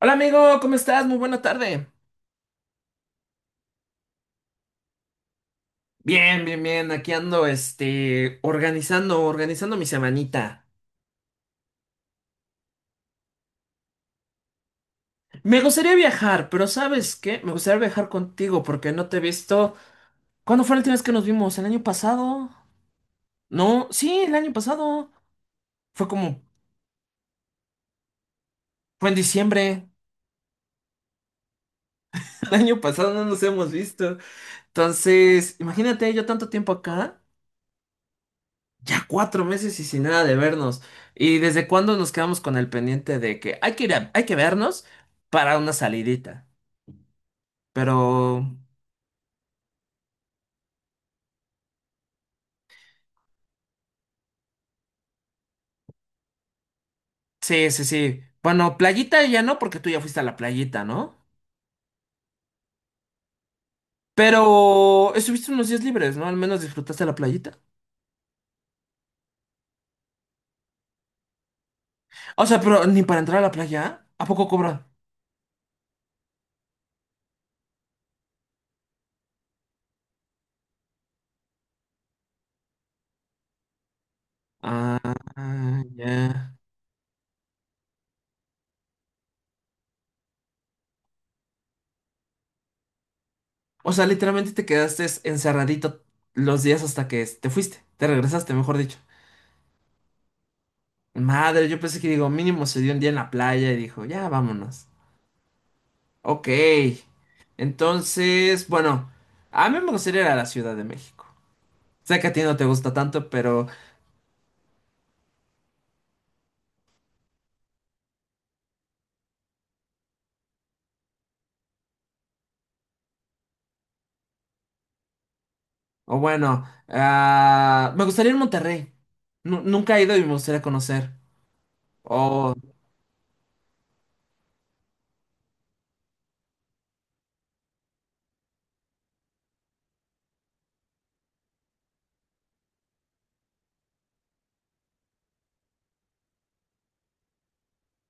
Hola amigo, ¿cómo estás? Muy buena tarde. Bien, bien, bien. Aquí ando, organizando, organizando mi semanita. Me gustaría viajar, pero ¿sabes qué? Me gustaría viajar contigo porque no te he visto. ¿Cuándo fue la última vez que nos vimos? ¿El año pasado? No, sí, el año pasado. Fue como, fue en diciembre. El año pasado no nos hemos visto. Entonces, imagínate, yo tanto tiempo acá. Ya 4 meses y sin nada de vernos. ¿Y desde cuándo nos quedamos con el pendiente de que hay que vernos para una salidita? Pero sí, sí, sí. Bueno, playita ya no, porque tú ya fuiste a la playita, ¿no? Pero estuviste unos días libres, ¿no? Al menos disfrutaste la playita. O sea, pero ni para entrar a la playa, ¿a poco cobran? Ah, ya. O sea, literalmente te quedaste encerradito los días hasta que te fuiste, te regresaste, mejor dicho. Madre, yo pensé que digo, mínimo se dio un día en la playa y dijo, ya vámonos. Ok. Entonces, bueno, a mí me gustaría ir a la Ciudad de México. Sé que a ti no te gusta tanto, pero, o bueno, ah, me gustaría ir a Monterrey. Nunca he ido y me gustaría conocer. Oh,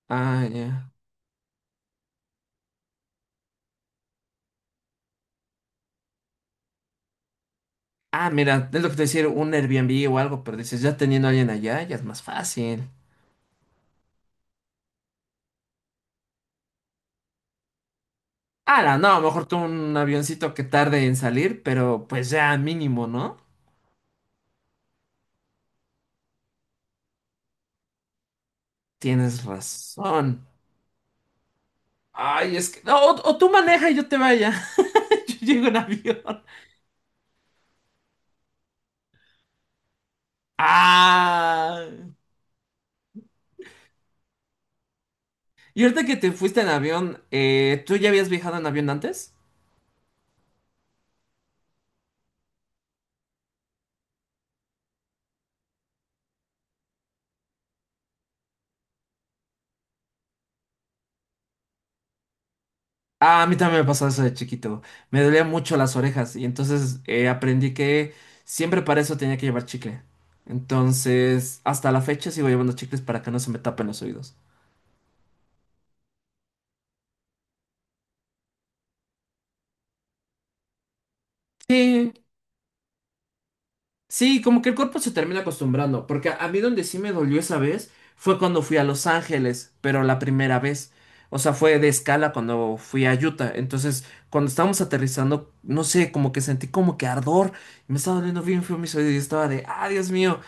ah, ya. Ah, mira, es lo que te decía, un Airbnb o algo, pero dices, ya teniendo a alguien allá, ya es más fácil. Ah, no, no, mejor tú un avioncito que tarde en salir, pero pues ya mínimo, ¿no? Tienes razón. Ay, es que. No, o tú maneja y yo te vaya. Yo llego en avión. Ah. Y ahorita que te fuiste en avión, ¿tú ya habías viajado en avión antes? Ah, a mí también me pasó eso de chiquito. Me dolían mucho las orejas y entonces aprendí que siempre para eso tenía que llevar chicle. Entonces, hasta la fecha sigo llevando chicles para que no se me tapen los oídos. Sí. Sí, como que el cuerpo se termina acostumbrando, porque a mí donde sí me dolió esa vez fue cuando fui a Los Ángeles, pero la primera vez. O sea, fue de escala cuando fui a Utah. Entonces, cuando estábamos aterrizando, no sé, como que sentí como que ardor. Me estaba doliendo bien feo mis oídos y estaba de, ah, Dios mío.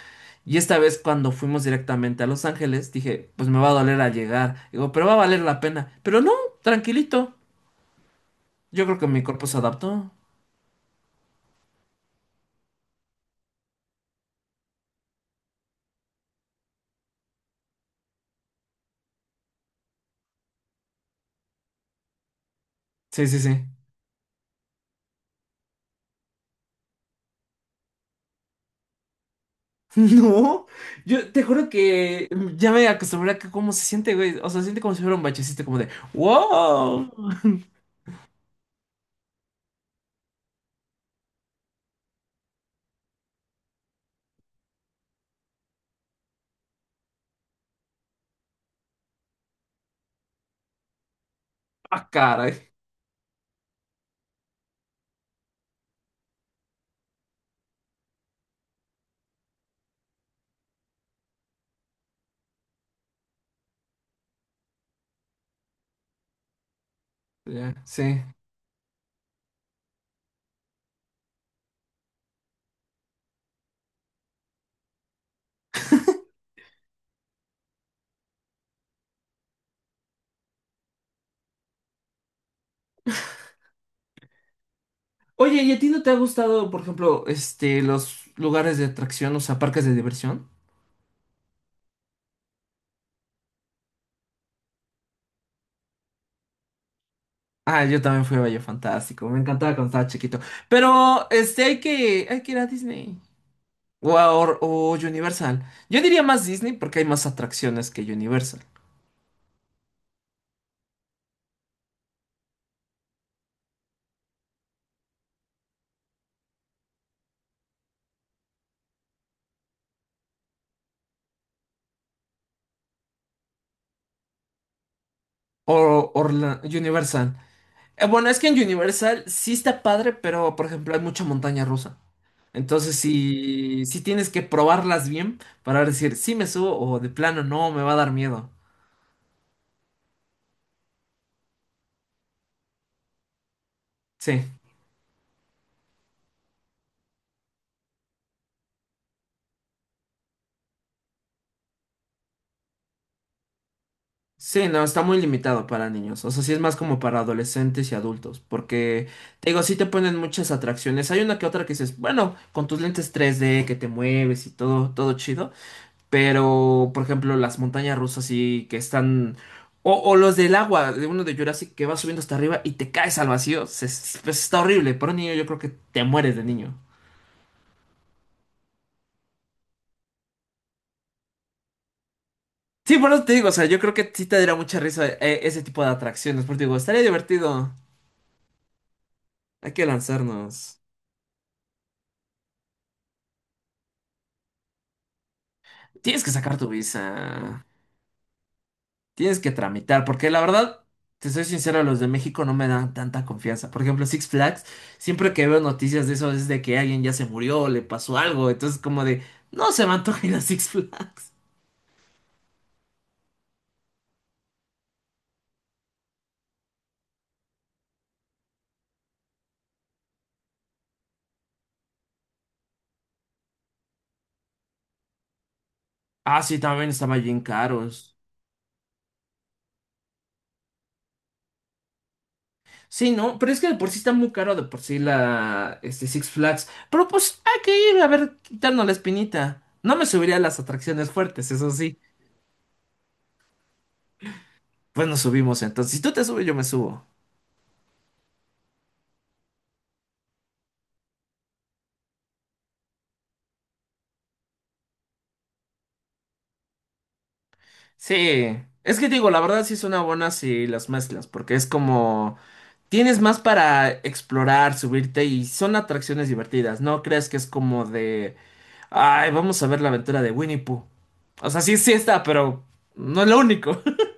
Y esta vez cuando fuimos directamente a Los Ángeles, dije, pues me va a doler al llegar. Digo, pero va a valer la pena. Pero no, tranquilito. Yo creo que mi cuerpo se adaptó. Sí, sí, sí. No, yo te juro que ya me acostumbré a que cómo se siente, güey. O sea, se siente como si fuera un bachecito, como de ¡Wow! ¡Ah, caray! Ya, sí. Oye, ¿y a ti no te ha gustado, por ejemplo, los lugares de atracción, o sea, parques de diversión? Ah, yo también fui a Valle Fantástico, me encantaba cuando estaba chiquito. Pero, hay que ir a Disney. O Universal. Yo diría más Disney porque hay más atracciones que Universal. Universal. Bueno, es que en Universal sí está padre, pero por ejemplo hay mucha montaña rusa. Entonces sí, sí tienes que probarlas bien para decir si me subo o de plano no, me va a dar miedo. Sí, sí, no, está muy limitado para niños. O sea, sí es más como para adolescentes y adultos. Porque, te digo, sí te ponen muchas atracciones. Hay una que otra que dices, bueno, con tus lentes 3D que te mueves y todo, todo chido. Pero, por ejemplo, las montañas rusas sí que están. O los del agua, de uno de Jurassic que va subiendo hasta arriba y te caes al vacío. Pues, está horrible. Para un niño, yo creo que te mueres de niño. Sí, por eso te digo, o sea, yo creo que sí te daría mucha risa ese tipo de atracciones. Porque digo, estaría divertido. Hay que lanzarnos. Tienes que sacar tu visa. Tienes que tramitar, porque la verdad, te soy sincero, los de México no me dan tanta confianza. Por ejemplo, Six Flags, siempre que veo noticias de eso es de que alguien ya se murió, le pasó algo, entonces como de, no se me antoja ir a Six Flags. Ah, sí, también estaban bien caros. Sí, no, pero es que de por sí está muy caro de por sí la, Six Flags. Pero pues hay que ir a ver, quitarnos la espinita. No me subiría a las atracciones fuertes, eso sí. Pues nos subimos entonces. Si tú te subes, yo me subo. Sí, es que digo, la verdad sí son buenas si las mezclas, porque es como tienes más para explorar, subirte y son atracciones divertidas. No creas que es como de, ay, vamos a ver la aventura de Winnie Pooh. O sea, sí, sí está, pero no es lo único.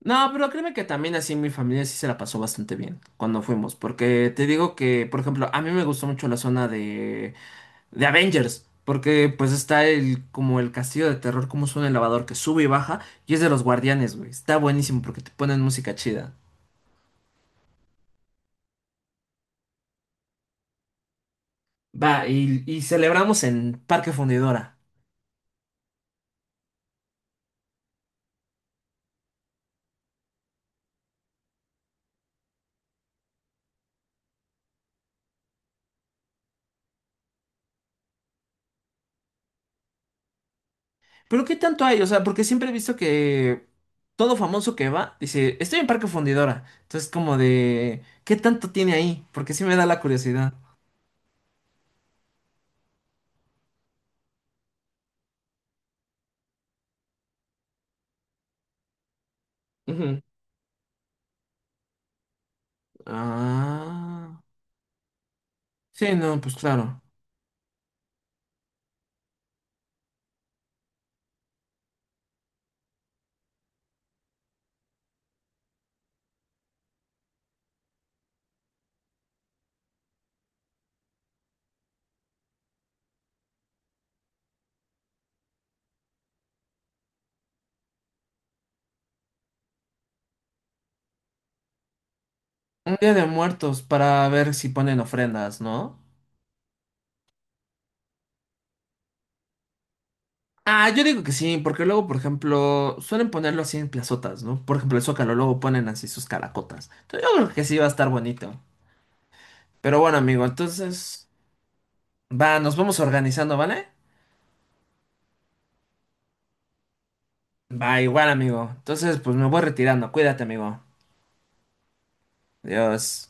No, pero créeme que también así mi familia sí se la pasó bastante bien cuando fuimos, porque te digo que, por ejemplo, a mí me gustó mucho de Avengers, porque pues está el como el castillo de terror, como suena el lavador que sube y baja, y es de los guardianes, güey. Está buenísimo porque te ponen música chida. Va, y celebramos en Parque Fundidora. Pero ¿qué tanto hay? O sea, porque siempre he visto que todo famoso que va dice, estoy en Parque Fundidora. Entonces como de, ¿qué tanto tiene ahí? Porque sí me da la curiosidad. Ujú. Ah. Sí, no, pues claro. Un día de muertos para ver si ponen ofrendas, ¿no? Ah, yo digo que sí, porque luego, por ejemplo, suelen ponerlo así en plazotas, ¿no? Por ejemplo, el Zócalo luego ponen así sus caracotas. Entonces yo creo que sí va a estar bonito. Pero bueno, amigo, entonces va, nos vamos organizando, ¿vale? Va, igual, amigo. Entonces, pues me voy retirando. Cuídate, amigo. Adiós.